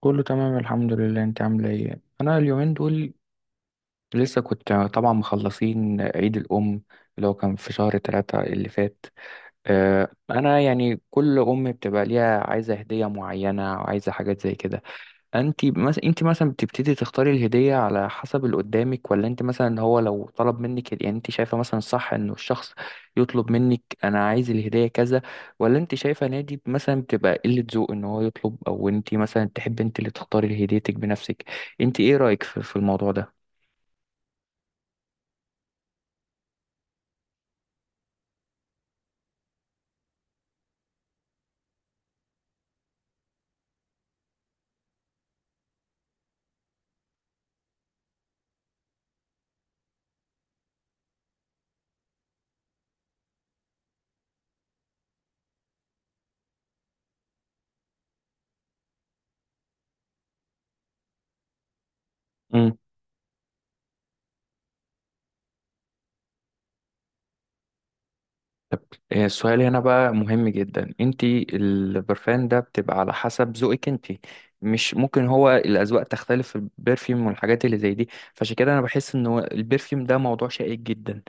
كله تمام الحمد لله، انت عامله ايه؟ انا اليومين دول لسه كنت طبعا مخلصين عيد الام اللي هو كان في شهر 3 اللي فات. انا يعني كل ام بتبقى ليها عايزه هديه معينه وعايزه حاجات زي كده. انت مثلا بتبتدي تختاري الهديه على حسب اللي قدامك، ولا انت مثلا هو لو طلب منك يعني انت شايفه مثلا صح انه الشخص يطلب منك انا عايز الهديه كذا، ولا انت شايفه نادي مثلا بتبقى قله ذوق ان هو يطلب، او انت مثلا تحب انت اللي تختاري هديتك بنفسك؟ انت ايه رايك في الموضوع ده؟ طب، السؤال هنا بقى مهم جدا، انت البرفان ده بتبقى على حسب ذوقك انت. مش ممكن هو الاذواق تختلف في البرفيوم والحاجات اللي زي دي. فعشان كده انا بحس ان هو البرفيوم ده موضوع شائك جدا.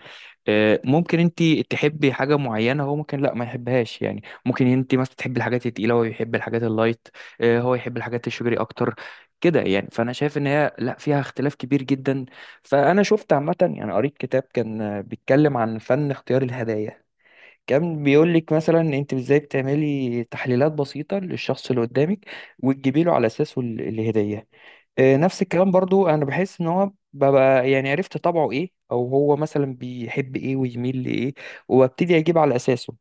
ممكن انت تحبي حاجه معينه، هو ممكن لا ما يحبهاش، يعني ممكن انت مثلا تحبي الحاجات التقيله، هو يحب الحاجات اللايت. هو يحب الحاجات الشجري اكتر كده، يعني فانا شايف ان هي لا فيها اختلاف كبير جدا. فانا شفت عامه يعني قريت كتاب كان بيتكلم عن فن اختيار الهدايا. كان بيقول لك مثلا انت ازاي بتعملي تحليلات بسيطه للشخص اللي قدامك وتجيبي له على اساسه الهديه. نفس الكلام برضو، انا بحس ان هو ببقى يعني عرفت طبعه ايه او هو مثلا بيحب ايه ويميل لايه، وابتدي اجيب على اساسه.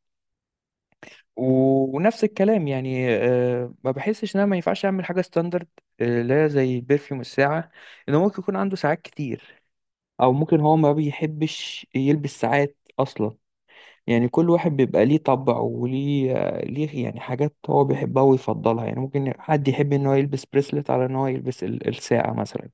ونفس الكلام يعني ما بحسش ان انا ما ينفعش اعمل حاجه ستاندرد. لا زي البرفيوم الساعه، انه ممكن يكون عنده ساعات كتير، او ممكن هو ما بيحبش يلبس ساعات اصلا. يعني كل واحد بيبقى ليه طبع وليه يعني حاجات هو بيحبها ويفضلها، يعني ممكن حد يحب ان هو يلبس بريسلت على ان هو يلبس الساعة مثلا.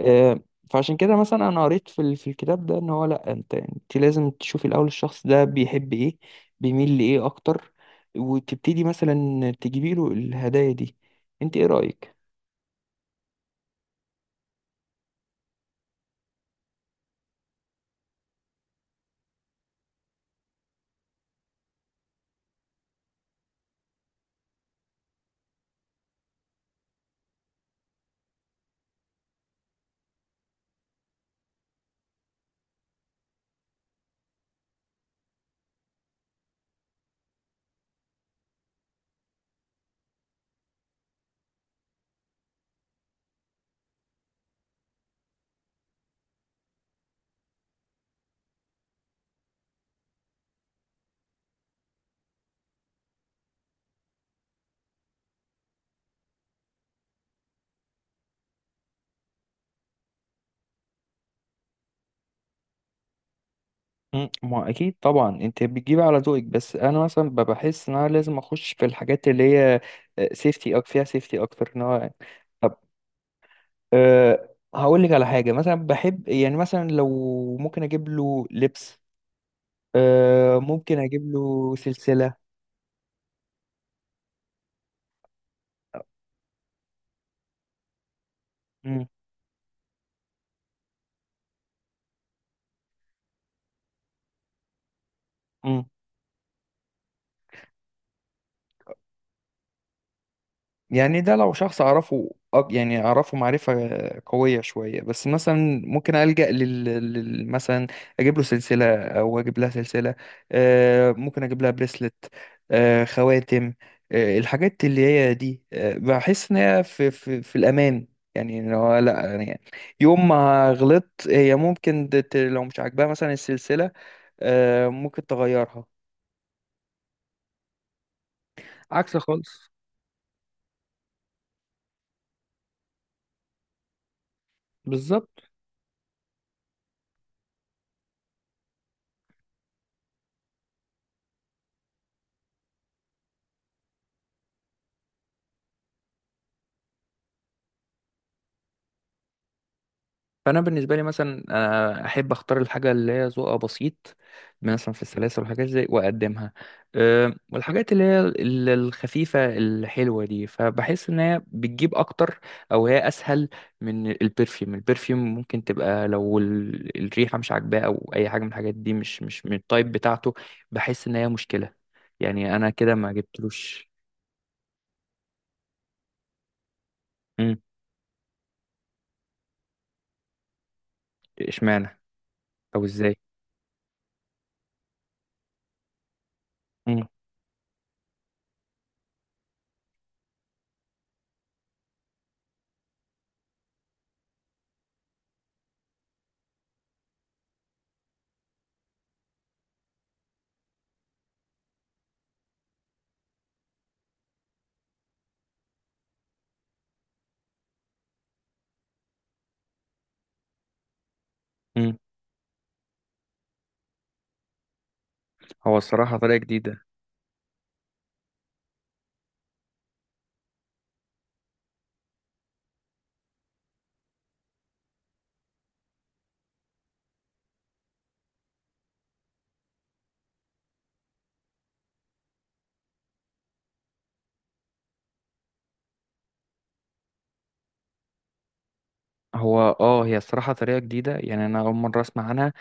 آه، فعشان كده مثلا انا قريت في الكتاب ده ان هو لا، انت لازم تشوفي الاول الشخص ده بيحب ايه، بيميل لايه اكتر، وتبتدي مثلا تجيبي له الهدايا دي. انت ايه رأيك؟ ما اكيد طبعا انت بتجيبي على ذوقك، بس انا مثلا بحس ان انا لازم اخش في الحاجات اللي هي سيفتي، فيها سيفتي اكتر ان هو أه، هقول لك على حاجة مثلا بحب، يعني مثلا لو ممكن اجيب له لبس، أه، ممكن اجيب له سلسلة. مم. مم. يعني ده لو شخص أعرفه يعني أعرفه معرفة قوية شوية، بس مثلا ممكن ألجأ مثلا أجيب له سلسلة أو أجيب لها سلسلة. ممكن أجيب لها بريسلت، خواتم، الحاجات اللي هي دي، بحس إن هي في الأمان. يعني إن هو لا، يعني يوم ما غلطت هي ممكن لو مش عاجباها مثلا السلسلة، ممكن تغيرها. عكس خالص، بالظبط. فانا بالنسبه لي مثلا احب اختار الحاجه اللي هي ذوقها بسيط، مثلا في السلاسل والحاجات زي، واقدمها. أه، والحاجات اللي هي الخفيفه الحلوه دي، فبحس ان هي بتجيب اكتر، او هي اسهل من البرفيوم. البرفيوم ممكن تبقى لو الريحه مش عاجباه، او اي حاجه من الحاجات دي مش من التايب بتاعته. بحس ان هي مشكله، يعني انا كده ما جبتلوش. مم، اشمعنى؟ او ازاي؟ مم، مم. هو الصراحه طريقه جديده. هو هي الصراحة طريقة جديدة، يعني انا اول مرة اسمع عنها.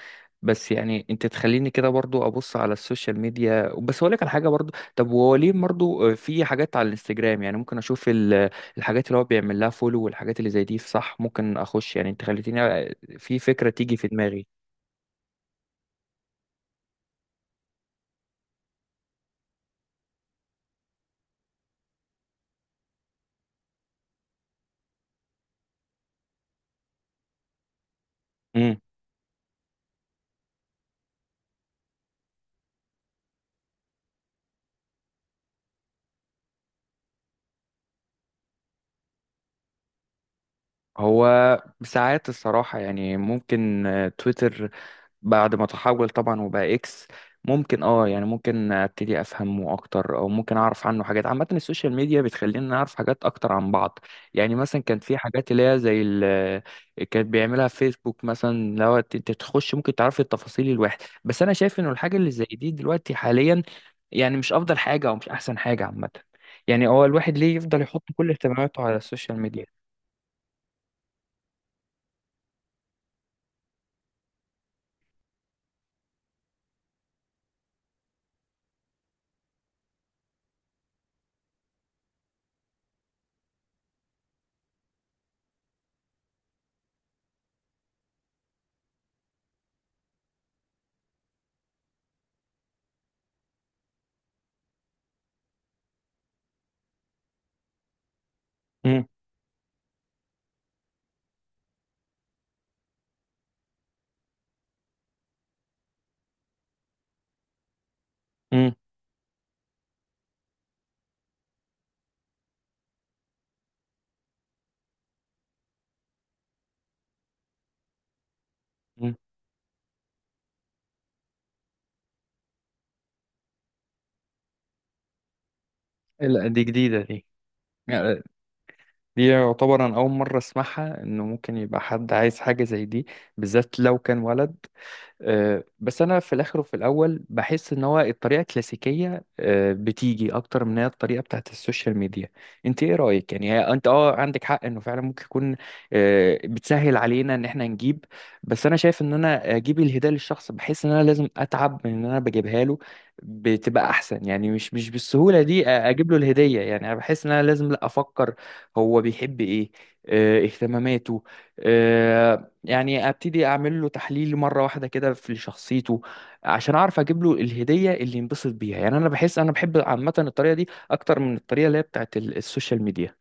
بس يعني انت تخليني كده برضو ابص على السوشيال ميديا، بس اقول لك على حاجة برضو. طب هو ليه برضو في حاجات على الانستجرام، يعني ممكن اشوف الحاجات اللي هو بيعمل لها فولو والحاجات اللي زي دي، صح؟ ممكن اخش يعني. انت خليتيني في فكرة تيجي في دماغي. امم هو ساعات الصراحة، يعني ممكن تويتر بعد ما تحول طبعا وبقى اكس، ممكن يعني ممكن ابتدي افهمه اكتر، او ممكن اعرف عنه حاجات. عامه السوشيال ميديا بتخلينا نعرف حاجات اكتر عن بعض. يعني مثلا كانت في حاجات اللي هي زي كانت بيعملها فيسبوك، مثلا لو انت تخش ممكن تعرف التفاصيل الواحد. بس انا شايف انه الحاجه اللي زي دي دلوقتي حاليا يعني مش افضل حاجه او مش احسن حاجه عامه. يعني هو الواحد ليه يفضل يحط كل اهتماماته على السوشيال ميديا؟ امم امم لا، دي جديده، دي دي يعتبر انا اول مره اسمعها، انه ممكن يبقى حد عايز حاجه زي دي، بالذات لو كان ولد. بس انا في الاخر وفي الاول بحس ان هو الطريقه الكلاسيكيه، بتيجي اكتر من هي الطريقه بتاعت السوشيال ميديا. انت ايه رايك؟ يعني هي انت عندك حق انه فعلا ممكن يكون بتسهل علينا ان احنا نجيب، بس انا شايف ان انا اجيب الهديه للشخص بحس ان انا لازم اتعب من ان انا بجيبها له، بتبقى احسن. يعني مش بالسهوله دي اجيب له الهديه. يعني انا بحس ان انا لازم، لا، افكر هو بيحب ايه، اهتماماته، آه، يعني ابتدي اعمل له تحليل مره واحده كده في شخصيته عشان اعرف اجيب له الهديه اللي ينبسط بيها. يعني انا بحس انا بحب عامه الطريقه دي اكتر من الطريقه اللي هي بتاعت السوشيال ميديا.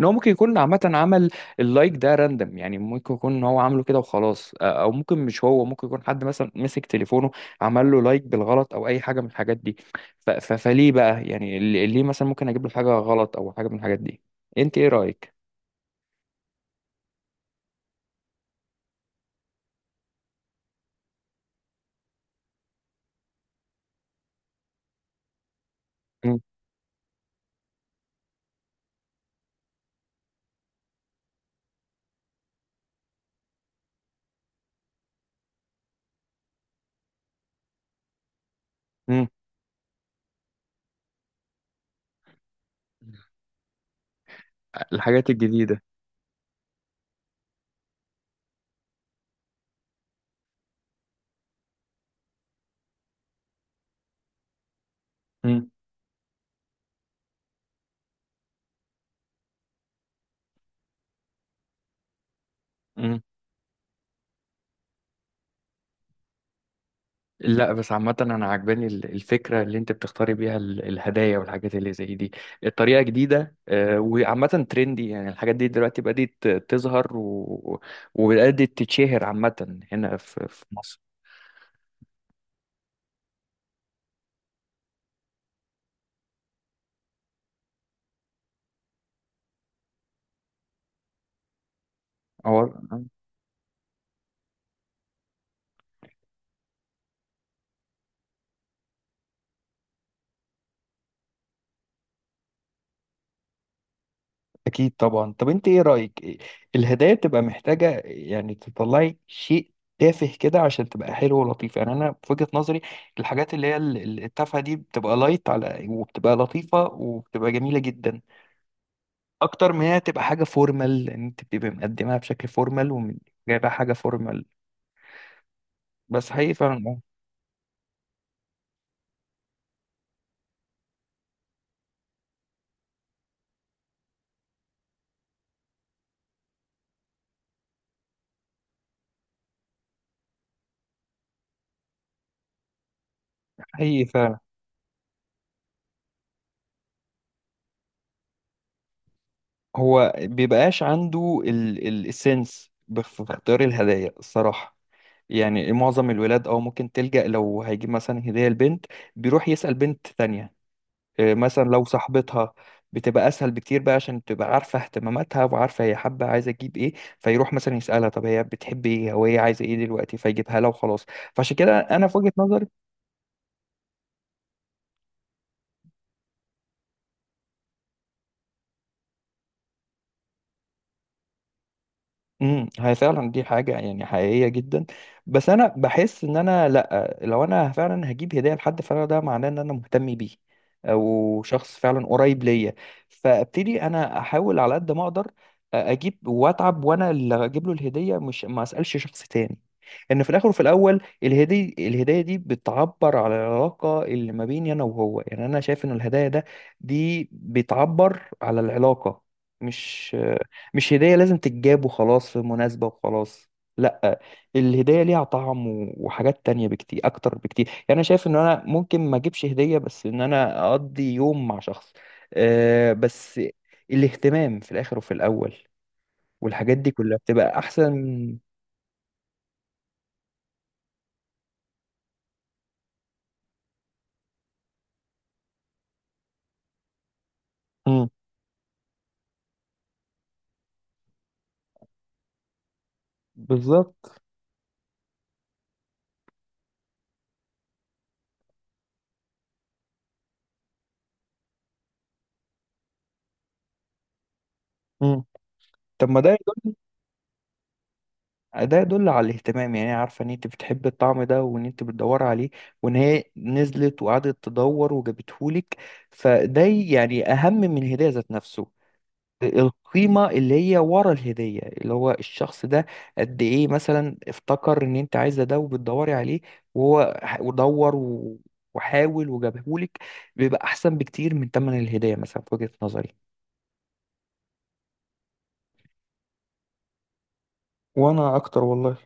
ان هو ممكن يكون عامه عمل اللايك ده راندم، يعني ممكن يكون ان هو عامله كده وخلاص، او ممكن مش هو، ممكن يكون حد مثلا مسك تليفونه عمل له لايك بالغلط، او اي حاجه من الحاجات دي. فليه بقى يعني ليه مثلا ممكن اجيب له حاجه غلط او حاجه من الحاجات دي؟ انت ايه رايك؟ مم. مم. الحاجات الجديده. مم. مم. لا، بس عامة أنا عجباني الفكرة اللي أنت بتختاري بيها الهدايا والحاجات اللي زي دي. الطريقة جديدة، وعامة ترندي، يعني الحاجات دي دلوقتي بدأت تظهر وبدأت تتشهر عامة هنا في مصر. أو... أكيد طبعا. طب أنت إيه رأيك؟ الهدايا بتبقى محتاجة يعني تطلعي شيء تافه كده عشان تبقى حلو ولطيف؟ يعني أنا في وجهة نظري الحاجات اللي هي التافهة دي بتبقى لايت على، وبتبقى لطيفة وبتبقى جميلة جدا، اكتر من هي تبقى حاجه فورمال، لان انت بتبقى مقدمها بشكل فورمال وجايبها حاجه فورمال. بس حقيقي فعلا، حقيقي فعلا هو بيبقاش عنده ال السنس في اختيار الهدايا الصراحه. يعني معظم الولاد، او ممكن تلجأ لو هيجيب مثلا هديه لبنت، بيروح يسأل بنت تانية، مثلا لو صاحبتها، بتبقى اسهل بكتير بقى عشان تبقى عارفه اهتماماتها وعارفه هي حابه عايزه تجيب ايه، فيروح مثلا يسالها طب هي بتحب ايه او هي عايزه ايه دلوقتي، فيجيبها لها وخلاص. فعشان كده انا في وجهه نظري هي فعلا دي حاجة يعني حقيقية جدا. بس انا بحس ان انا، لا، لو انا فعلا هجيب هدية لحد فعلا ده معناه ان انا مهتم بيه، او شخص فعلا قريب ليا، فابتدي انا احاول على قد ما اقدر اجيب واتعب، وانا اللي اجيب له الهدية، مش ما اسألش شخص تاني، ان في الاخر وفي الاول الهدية دي بتعبر على العلاقة اللي ما بيني انا وهو. يعني انا شايف ان الهدايا دي بتعبر على العلاقة، مش مش هدية لازم تتجاب وخلاص في مناسبة وخلاص. لا، الهدية ليها طعم وحاجات تانية بكتير أكتر بكتير، يعني أنا شايف إن أنا ممكن ما أجيبش هدية، بس إن أنا أقضي يوم مع شخص، بس الاهتمام في الآخر وفي الأول والحاجات دي كلها بتبقى أحسن. مم. بالظبط. مم. طب ما ده، ده يدل على الاهتمام، يعني عارفة ان انت بتحب الطعم ده وان انت بتدور عليه، وان هي نزلت وقعدت تدور وجابتهولك. فده يعني اهم من الهدية ذات نفسه. القيمة اللي هي ورا الهدية اللي هو الشخص ده قد ايه مثلا افتكر ان انت عايزة ده وبتدوري عليه، وهو ودور وحاول وجابهولك، بيبقى احسن بكتير من تمن الهدية مثلا في وجهة نظري. وانا اكتر والله.